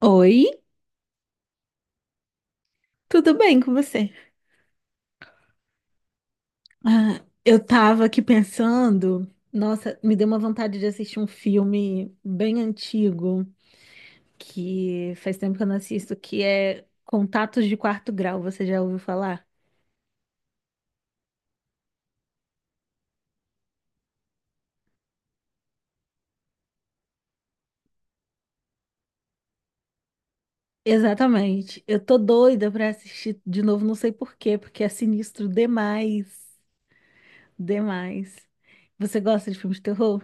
Oi, tudo bem com você? Ah, eu tava aqui pensando, nossa, me deu uma vontade de assistir um filme bem antigo, que faz tempo que eu não assisto, que é Contatos de Quarto Grau, você já ouviu falar? Exatamente. Eu tô doida pra assistir de novo, não sei por quê, porque é sinistro demais, demais. Você gosta de filmes de terror?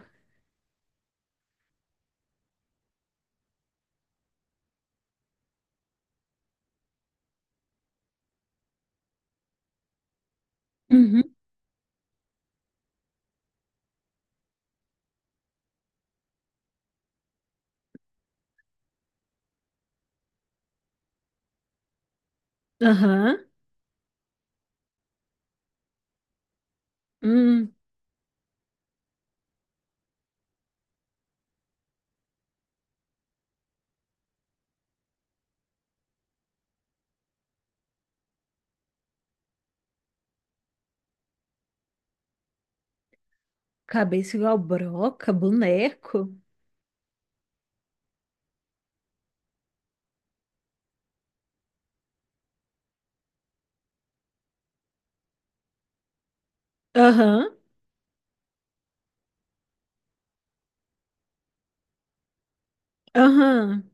Uhum. Aham. Hum, cabeça igual broca, boneco. Aham. Aham.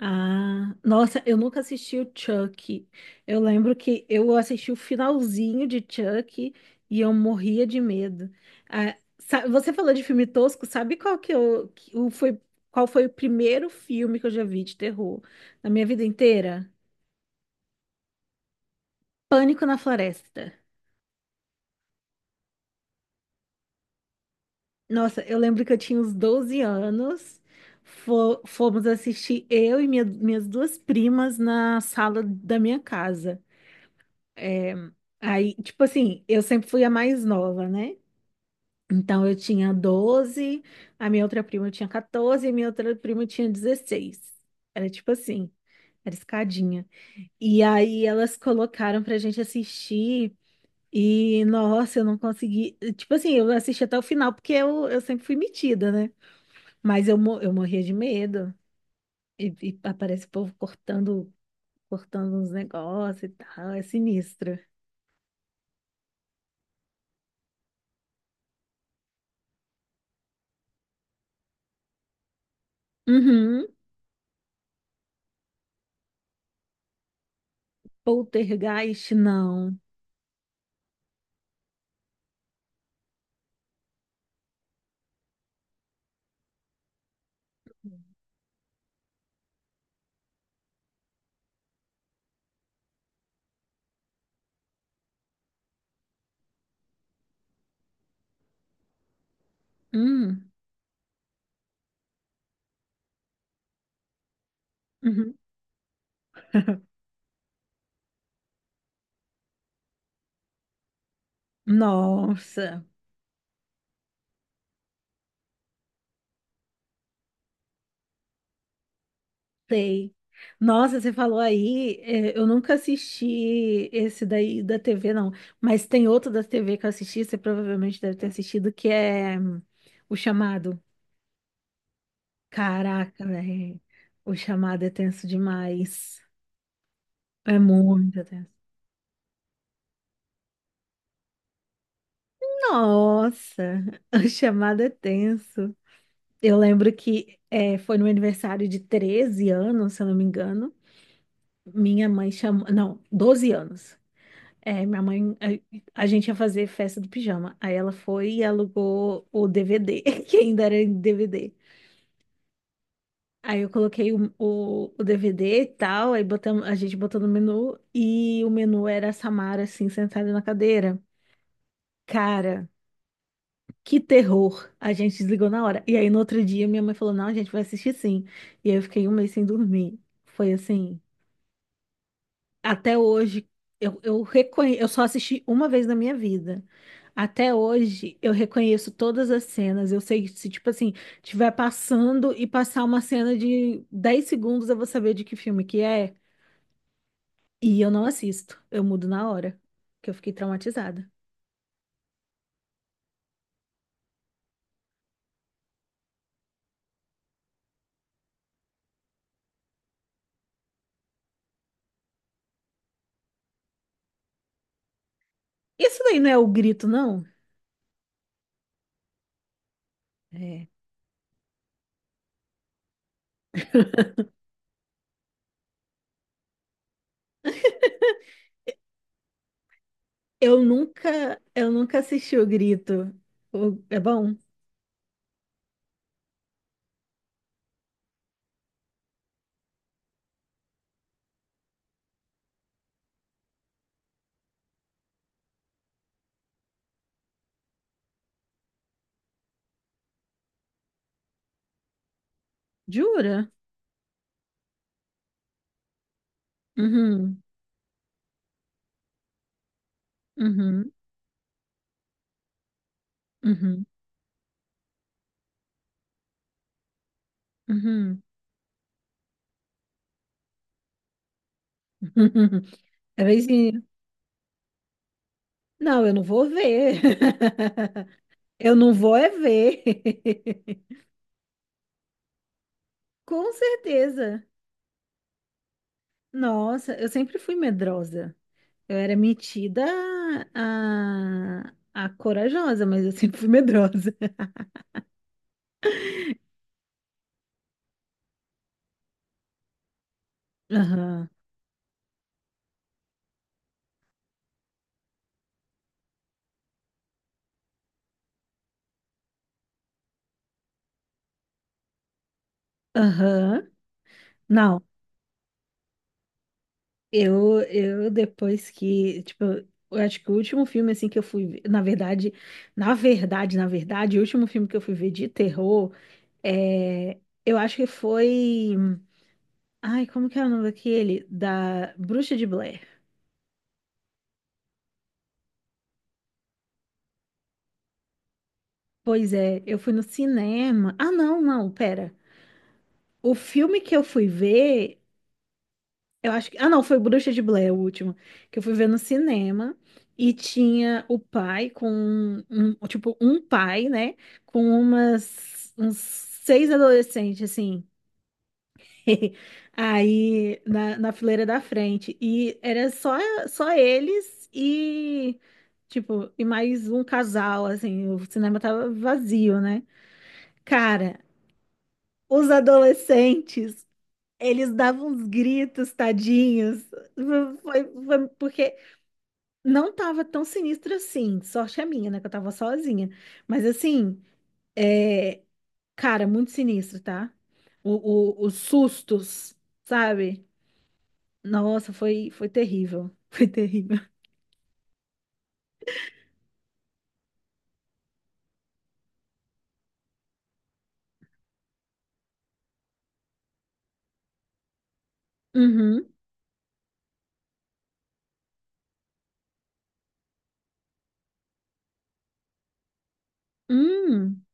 Ah, nossa, eu nunca assisti o Chuck. Eu lembro que eu assisti o finalzinho de Chuck e eu morria de medo. Ah, você falou de filme tosco, sabe qual foi o primeiro filme que eu já vi de terror na minha vida inteira? Pânico na Floresta. Nossa, eu lembro que eu tinha uns 12 anos. Fomos assistir eu e minhas duas primas na sala da minha casa. É, aí, tipo assim, eu sempre fui a mais nova, né? Então eu tinha 12, a minha outra prima tinha 14 e a minha outra prima tinha 16. Era tipo assim, era escadinha. E aí elas colocaram pra gente assistir e, nossa, eu não consegui. Tipo assim, eu assisti até o final porque eu sempre fui metida, né? Mas eu morria de medo. E aparece o povo cortando, uns negócios e tal, é sinistro. Uhum. Poltergeist, não. Hum, uhum. Nossa, sei. Nossa, você falou aí, é, eu nunca assisti esse daí da TV, não. Mas tem outro da TV que eu assisti, você provavelmente deve ter assistido, que é O Chamado. Caraca, velho. O Chamado é tenso demais. É muito tenso. Nossa, o chamado é tenso. Eu lembro que foi no meu aniversário de 13 anos, se eu não me engano. Minha mãe chamou, não, 12 anos. É, minha mãe, a gente ia fazer festa do pijama. Aí ela foi e alugou o DVD, que ainda era em DVD. Aí eu coloquei o DVD e tal, aí botamos, a gente botou no menu e o menu era a Samara assim sentada na cadeira. Cara, que terror. A gente desligou na hora. E aí no outro dia minha mãe falou: "Não, a gente vai assistir sim". E aí eu fiquei um mês sem dormir. Foi assim, até hoje, eu só assisti uma vez na minha vida. Até hoje, eu reconheço todas as cenas. Eu sei que se, tipo assim, tiver passando e passar uma cena de 10 segundos, eu vou saber de que filme que é. E eu não assisto. Eu mudo na hora, que eu fiquei traumatizada. Isso daí não é o grito, não? É. Eu nunca assisti o grito. É bom? Jura? Uhum, uhum, uhum, uhum, uhum. É. Não, eu não vou ver. Eu não vou é ver. Com certeza. Nossa, eu sempre fui medrosa. Eu era metida a corajosa, mas eu sempre fui medrosa. Aham, aham. Não, eu depois que, tipo, eu acho que o último filme, assim, que eu fui ver, na verdade, o último filme que eu fui ver de terror, é, eu acho que foi, ai, como que é o nome daquele? Da Bruxa de Blair. Pois é, eu fui no cinema. Ah, não, não, pera. O filme que eu fui ver, eu acho que, ah, não, foi Bruxa de Blair, o último. Que eu fui ver no cinema. E tinha o pai com. Tipo, um pai, né? Com uns 6 adolescentes, assim. Aí na fileira da frente. E era só eles e, tipo, e mais um casal, assim, o cinema tava vazio, né? Cara, os adolescentes, eles davam uns gritos, tadinhos. Foi porque não tava tão sinistro assim. Sorte a minha, né? Que eu tava sozinha. Mas assim, é, cara, muito sinistro, tá? Os sustos, sabe? Nossa, foi terrível. Foi terrível. Uhum. Hum.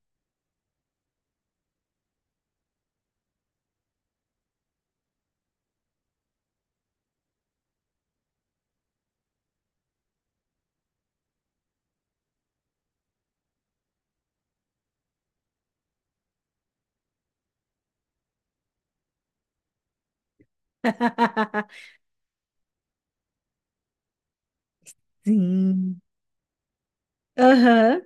Sim. Aham.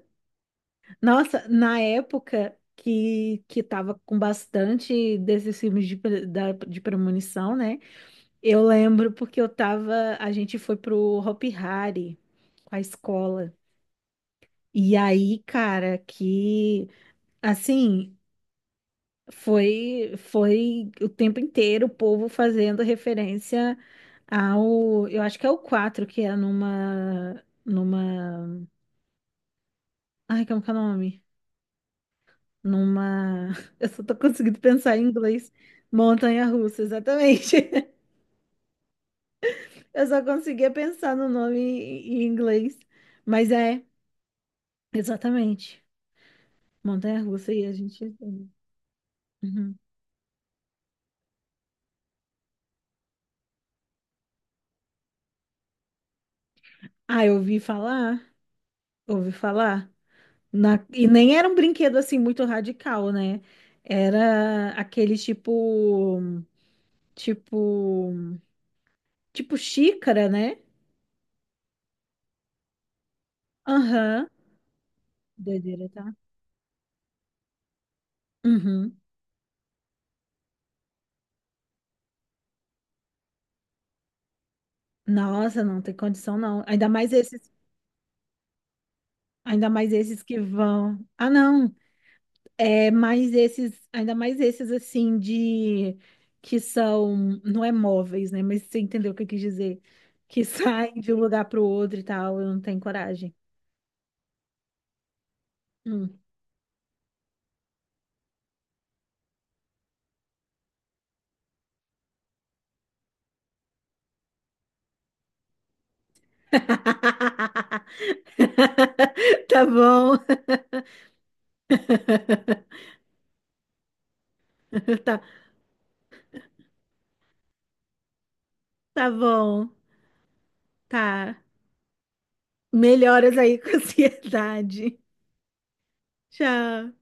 Nossa, na época que tava com bastante desses filmes de premonição, né? Eu lembro porque eu tava. A gente foi pro Hopi Hari com a escola. E aí, cara, que assim. Foi o tempo inteiro o povo fazendo referência ao, eu acho que é o 4 que é numa, ai, como que é o nome? Numa, eu só tô conseguindo pensar em inglês, montanha-russa, exatamente. Eu só conseguia pensar no nome em inglês, mas exatamente, montanha-russa e a gente... Uhum. Ah, eu ouvi falar, ouvi falar. E nem era um brinquedo assim muito radical, né? Era aquele tipo, tipo xícara, né? Aham. Doideira, tá? Uhum. Nossa, não tem condição não. Ainda mais esses que vão. Ah, não. Ainda mais esses assim de que são, não é móveis, né? Mas você entendeu o que eu quis dizer? Que saem de um lugar para o outro e tal. Eu não tenho coragem. Tá bom, tá, tá bom, tá. Melhoras aí com a ansiedade. Tchau.